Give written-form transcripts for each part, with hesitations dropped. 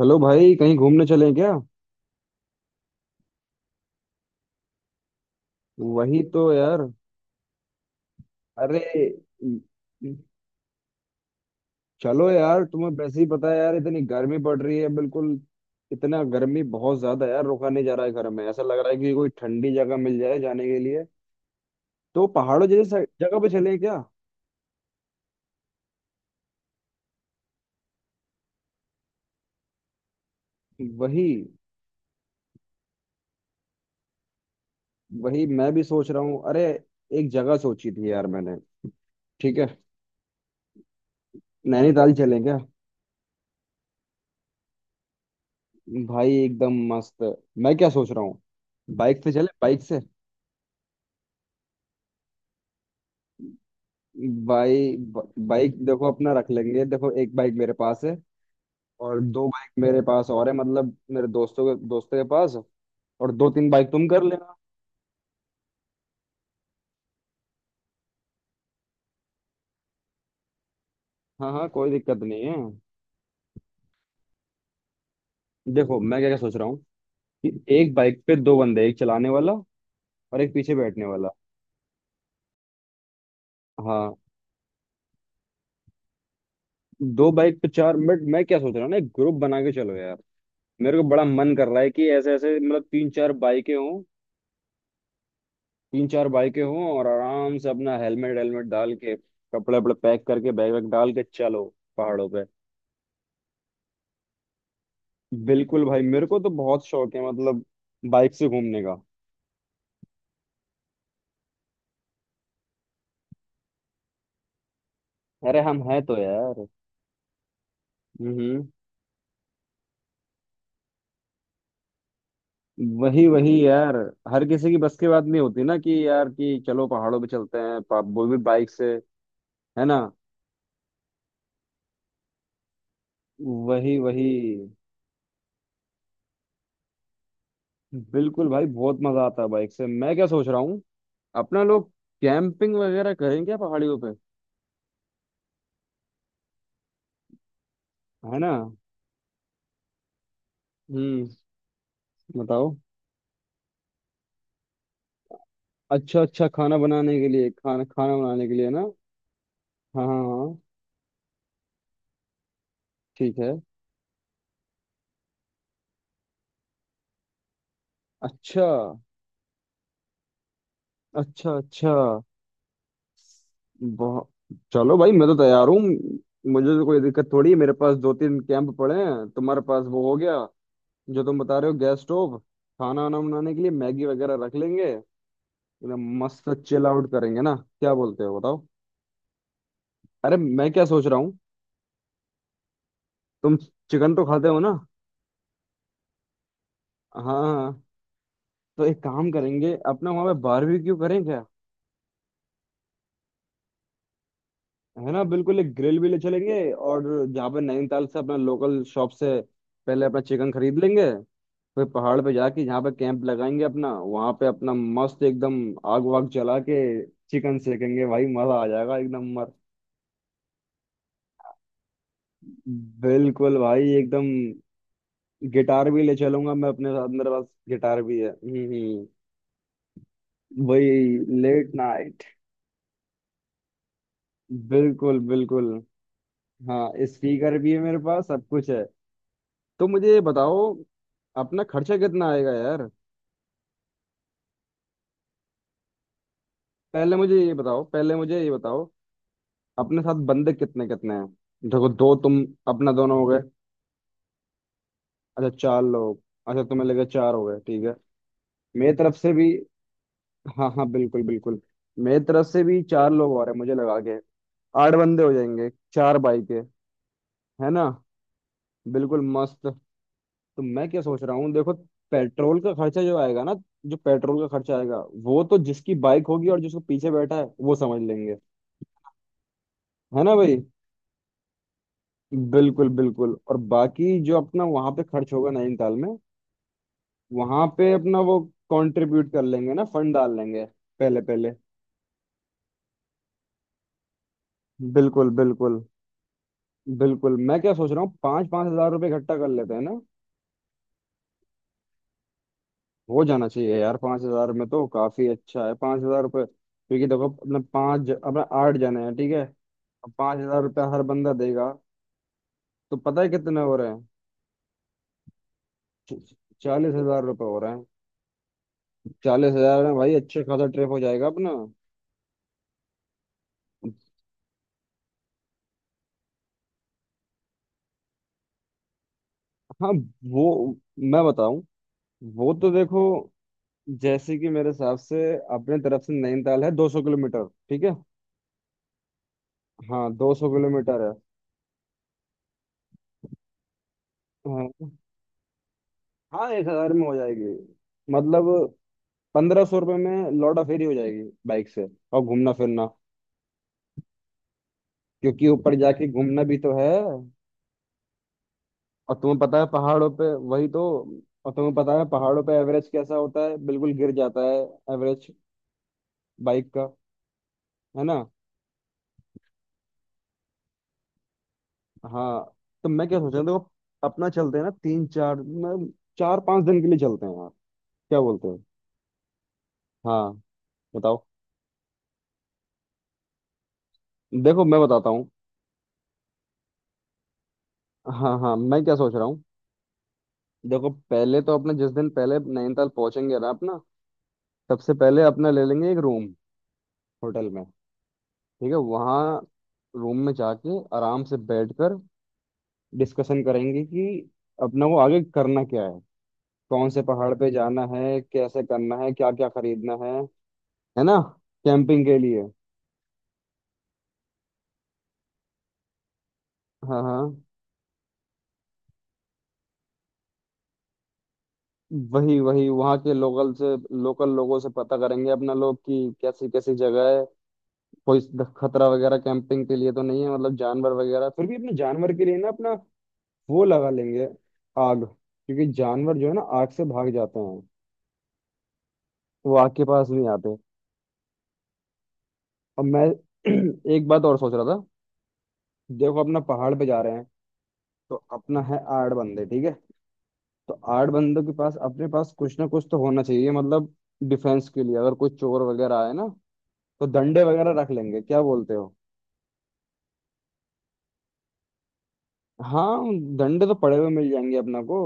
Hello भाई, कहीं घूमने चलें क्या? वही तो यार। अरे, चलो यार, तुम्हें वैसे ही पता है यार, इतनी गर्मी पड़ रही है बिल्कुल। इतना गर्मी बहुत ज्यादा यार, रुका नहीं जा रहा है घर में। ऐसा लग रहा है कि कोई ठंडी जगह मिल जाए जाने के लिए। तो पहाड़ों जैसी जगह पे चलें क्या? वही वही, मैं भी सोच रहा हूँ। अरे, एक जगह सोची थी यार मैंने। ठीक है, नैनीताल चलें क्या? भाई, एकदम मस्त। मैं क्या सोच रहा हूँ, बाइक से चले, बाइक से। भाई, बाइक देखो, अपना रख लेंगे। देखो, एक बाइक मेरे पास है, और दो बाइक मेरे पास और है, मतलब मेरे दोस्तों के पास। और दो तीन बाइक तुम कर लेना। हाँ हाँ, कोई दिक्कत नहीं है। देखो, मैं क्या क्या सोच रहा हूँ कि एक बाइक पे दो बंदे, एक चलाने वाला और एक पीछे बैठने वाला। हाँ, दो बाइक पे चार। मिनट, मैं क्या सोच रहा हूँ ना, एक ग्रुप बना के चलो यार। मेरे को बड़ा मन कर रहा है कि ऐसे ऐसे, मतलब तीन चार बाइकें हों। तीन चार बाइकें हों और आराम से अपना हेलमेट हेलमेट डाल के, कपड़े वपड़े पैक करके, बैग वैग डाल के चलो पहाड़ों पे। बिल्कुल भाई, मेरे को तो बहुत शौक है, मतलब बाइक से घूमने का। अरे, हम है तो यार। हम्म। वही वही यार, हर किसी की बस की बात नहीं होती ना कि यार कि चलो पहाड़ों पे चलते हैं, वो भी बाइक से। है ना? वही वही। बिल्कुल भाई, बहुत मजा आता है बाइक से। मैं क्या सोच रहा हूँ, अपना लोग कैंपिंग वगैरह करेंगे पहाड़ियों पे, है ना? हम्म, बताओ। अच्छा अच्छा, खाना बनाने के लिए, खाना खाना बनाने के लिए ना? हाँ हाँ हाँ, ठीक है। अच्छा अच्छा। अच्छा, बहुत। चलो भाई, मैं तो तैयार हूँ। मुझे तो कोई दिक्कत थोड़ी है, मेरे पास दो तीन कैंप पड़े हैं, तुम्हारे पास वो हो गया जो तुम बता रहे हो, गैस स्टोव। खाना वाना बनाने के लिए मैगी वगैरह रख लेंगे। एकदम मस्त चिल आउट करेंगे ना। क्या बोलते हो, बताओ। अरे, मैं क्या सोच रहा हूँ, तुम चिकन तो खाते हो ना? हाँ हाँ हाँ, तो एक काम करेंगे, अपना वहां पे बारबेक्यू करें क्या। है ना, बिल्कुल। एक ग्रिल भी ले चलेंगे। और जहाँ पे नैनीताल से, अपना लोकल शॉप से पहले अपना चिकन खरीद लेंगे। फिर पहाड़ पे जाके जहाँ पे कैंप लगाएंगे अपना, वहाँ पे अपना मस्त एकदम आग वाग जला के चिकन सेकेंगे भाई। मजा आ जाएगा एकदम मर बिल्कुल भाई, एकदम। गिटार भी ले चलूंगा मैं अपने साथ, मेरे पास गिटार भी है। वही। Late night. बिल्कुल बिल्कुल। हाँ, स्पीकर भी है मेरे पास, सब कुछ है। तो मुझे ये बताओ, अपना खर्चा कितना आएगा यार? पहले मुझे ये बताओ, पहले मुझे ये बताओ, अपने साथ बंदे कितने कितने हैं। देखो, दो तुम, अपना दोनों हो गए। अच्छा, चार लोग। अच्छा, तुम्हें लगे चार हो गए, ठीक है। मेरी तरफ से भी, हाँ हाँ, बिल्कुल बिल्कुल। मेरी तरफ से भी चार लोग और हैं, मुझे लगा के आठ बंदे हो जाएंगे, चार बाइक है। है ना? बिल्कुल मस्त। तो मैं क्या सोच रहा हूँ, देखो, पेट्रोल का खर्चा जो आएगा ना, जो पेट्रोल का खर्चा आएगा वो तो जिसकी बाइक होगी और जिसको पीछे बैठा है वो समझ लेंगे। है ना भाई? बिल्कुल बिल्कुल। और बाकी जो अपना वहां पे खर्च होगा नैनीताल में, वहां पे अपना वो कंट्रीब्यूट कर लेंगे ना, फंड डाल लेंगे पहले पहले। बिल्कुल बिल्कुल बिल्कुल। मैं क्या सोच रहा हूँ, 5-5 हज़ार रुपये इकट्ठा कर लेते हैं ना। हो जाना चाहिए यार, 5 हज़ार में तो। काफी अच्छा है, 5 हज़ार रुपये। क्योंकि देखो, अपने 8 जने हैं, ठीक है। अब 5 हज़ार रुपया हर बंदा देगा, तो पता है कितने हो रहे हैं? 40 हज़ार रुपये हो रहे हैं। 40 हज़ार में भाई अच्छे खासा ट्रिप हो जाएगा अपना। हाँ, वो मैं बताऊं, वो तो देखो, जैसे कि मेरे हिसाब से अपने तरफ से नैनीताल है 200 किलोमीटर, ठीक है। हाँ, 200 किलोमीटर है। हाँ हाँ, 1 हज़ार में हो जाएगी। मतलब 1,500 रुपये में लौटा फेरी हो जाएगी बाइक से, और घूमना फिरना। क्योंकि ऊपर जाके घूमना भी तो है। और तुम्हें पता है पहाड़ों पे, वही तो। और तुम्हें पता है पहाड़ों पे एवरेज कैसा होता है, बिल्कुल गिर जाता है एवरेज बाइक का। है ना? हाँ। तो मैं क्या सोच रहा हूँ, देखो अपना चलते हैं ना, तीन चार, मैं 4-5 दिन के लिए चलते हैं, क्या बोलते हो? हाँ, बताओ। देखो, मैं बताता हूँ। हाँ हाँ, मैं क्या सोच रहा हूँ, देखो, पहले तो अपने जिस दिन पहले नैनीताल पहुंचेंगे ना अपना, सबसे पहले अपना ले लेंगे एक रूम होटल में। ठीक है, वहाँ रूम में जाके आराम से बैठकर डिस्कशन करेंगे कि अपना को आगे करना क्या है, कौन से पहाड़ पे जाना है, कैसे करना है, क्या क्या खरीदना है ना? कैंपिंग के लिए। हाँ हाँ। वही वही, वहाँ के लोकल से, लोकल लोगों से पता करेंगे अपना लोग कि कैसी कैसी जगह है, कोई खतरा वगैरह कैंपिंग के लिए तो नहीं है, मतलब जानवर वगैरह। फिर भी अपने जानवर के लिए ना अपना वो लगा लेंगे आग, क्योंकि जानवर जो है ना आग से भाग जाते हैं, वो आग के पास नहीं आते। और मैं एक बात और सोच रहा था। देखो अपना पहाड़ पे जा रहे हैं, तो अपना है 8 बंदे, ठीक है। तो 8 बंदों के पास, अपने पास कुछ ना कुछ तो होना चाहिए, मतलब डिफेंस के लिए, अगर कोई चोर वगैरह आए ना, तो डंडे वगैरह रख लेंगे, क्या बोलते हो? हाँ, डंडे तो पड़े हुए मिल जाएंगे अपना को,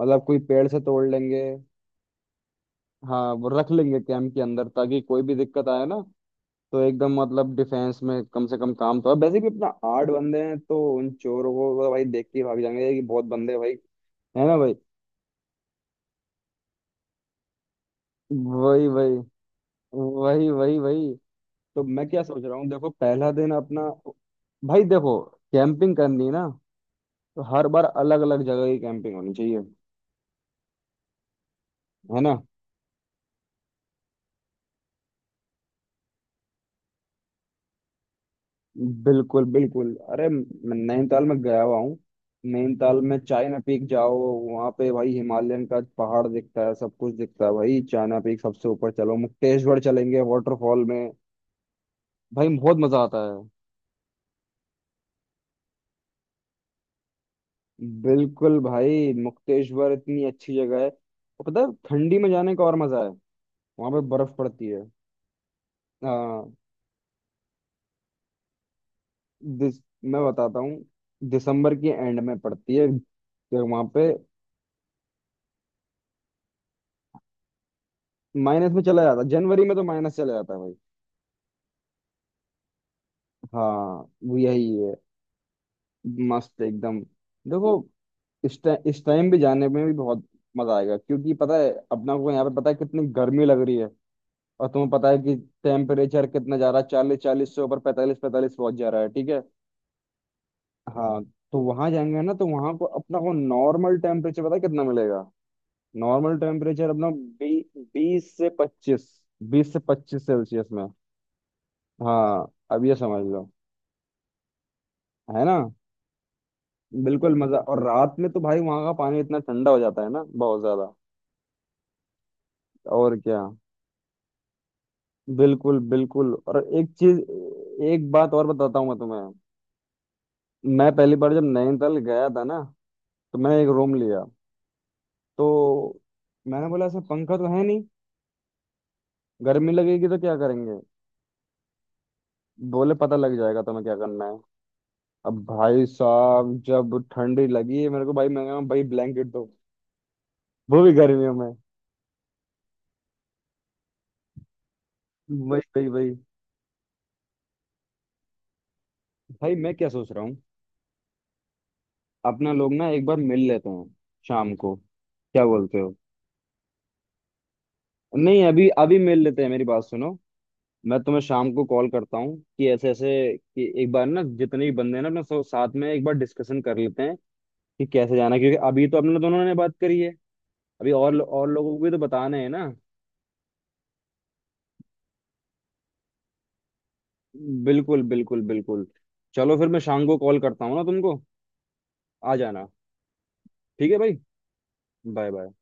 मतलब कोई पेड़ से तोड़ लेंगे। हाँ, वो रख लेंगे कैंप के अंदर, ताकि कोई भी दिक्कत आए ना, तो एकदम मतलब डिफेंस में कम से कम काम तो है। वैसे भी अपना 8 बंदे हैं, तो उन चोरों को तो भाई देख के ही भाग जाएंगे कि बहुत बंदे हैं भाई। है ना भाई? वही वही वही वही वही। तो मैं क्या सोच रहा हूँ, देखो, पहला दिन अपना, भाई देखो, कैंपिंग करनी है ना, तो हर बार अलग अलग जगह की कैंपिंग होनी चाहिए, है ना? बिल्कुल बिल्कुल। अरे, मैं नैनीताल में गया हुआ हूँ। नैनीताल में चाइना पीक जाओ, वहाँ पे भाई हिमालयन का पहाड़ दिखता है, सब कुछ दिखता है भाई। चाइना पीक सबसे ऊपर। चलो मुक्तेश्वर चलेंगे, वाटरफॉल में। भाई, बहुत मजा आता है। बिल्कुल भाई, मुक्तेश्वर इतनी अच्छी जगह है। और पता है, ठंडी में जाने का और मजा है, वहां पे बर्फ पड़ती है। हाँ, दिस मैं बताता हूँ, दिसंबर की एंड में पड़ती है। तो वहां पे माइनस में चला जाता है। जनवरी में तो माइनस चला जाता है। हाँ, वो यही है। मस्त एकदम। देखो, इस टाइम भी जाने में भी बहुत मजा आएगा, क्योंकि पता है अपना को यहाँ पे पता है कितनी गर्मी लग रही है। और तुम्हें पता है कि टेम्परेचर कितना जा रहा है, चालीस चालीस से ऊपर, पैंतालीस पैंतालीस पहुंच जा रहा है, ठीक है। हाँ। तो वहां जाएंगे ना, तो वहां को, अपना को नॉर्मल टेम्परेचर पता है कितना मिलेगा? नॉर्मल टेम्परेचर अपना 20 से 25। 20 से 25 सेल्सियस में। हाँ, अब ये समझ लो। है ना? बिल्कुल मजा। और रात में तो भाई वहां का पानी इतना ठंडा हो जाता है ना, बहुत ज्यादा। और क्या, बिल्कुल बिल्कुल। और एक चीज, एक बात और बताता हूँ मैं तुम्हें। मैं पहली बार जब नैनीताल गया था ना, तो मैंने एक रूम लिया। तो मैंने बोला, ऐसा पंखा तो है नहीं, गर्मी लगेगी तो क्या करेंगे? बोले, पता लग जाएगा तुम्हें क्या करना है। अब भाई साहब, जब ठंडी लगी मेरे को, भाई मैं कहा, भाई ब्लैंकेट दो, वो भी गर्मियों में। वही वही वही। भाई, मैं क्या सोच रहा हूँ, अपना लोग ना एक बार मिल लेते हैं, शाम को, क्या बोलते हो? नहीं, अभी अभी मिल लेते हैं, मेरी बात सुनो। मैं तुम्हें शाम को कॉल करता हूँ कि ऐसे ऐसे, कि एक बार ना, जितने भी बंदे हैं ना अपने, सब साथ में एक बार डिस्कशन कर लेते हैं कि कैसे जाना है। क्योंकि अभी तो अपने दोनों ने बात करी है, अभी और लोगों को भी तो बताना है ना। बिल्कुल बिल्कुल बिल्कुल। चलो फिर मैं शाम को कॉल करता हूँ ना तुमको, आ जाना। ठीक है भाई, बाय बाय।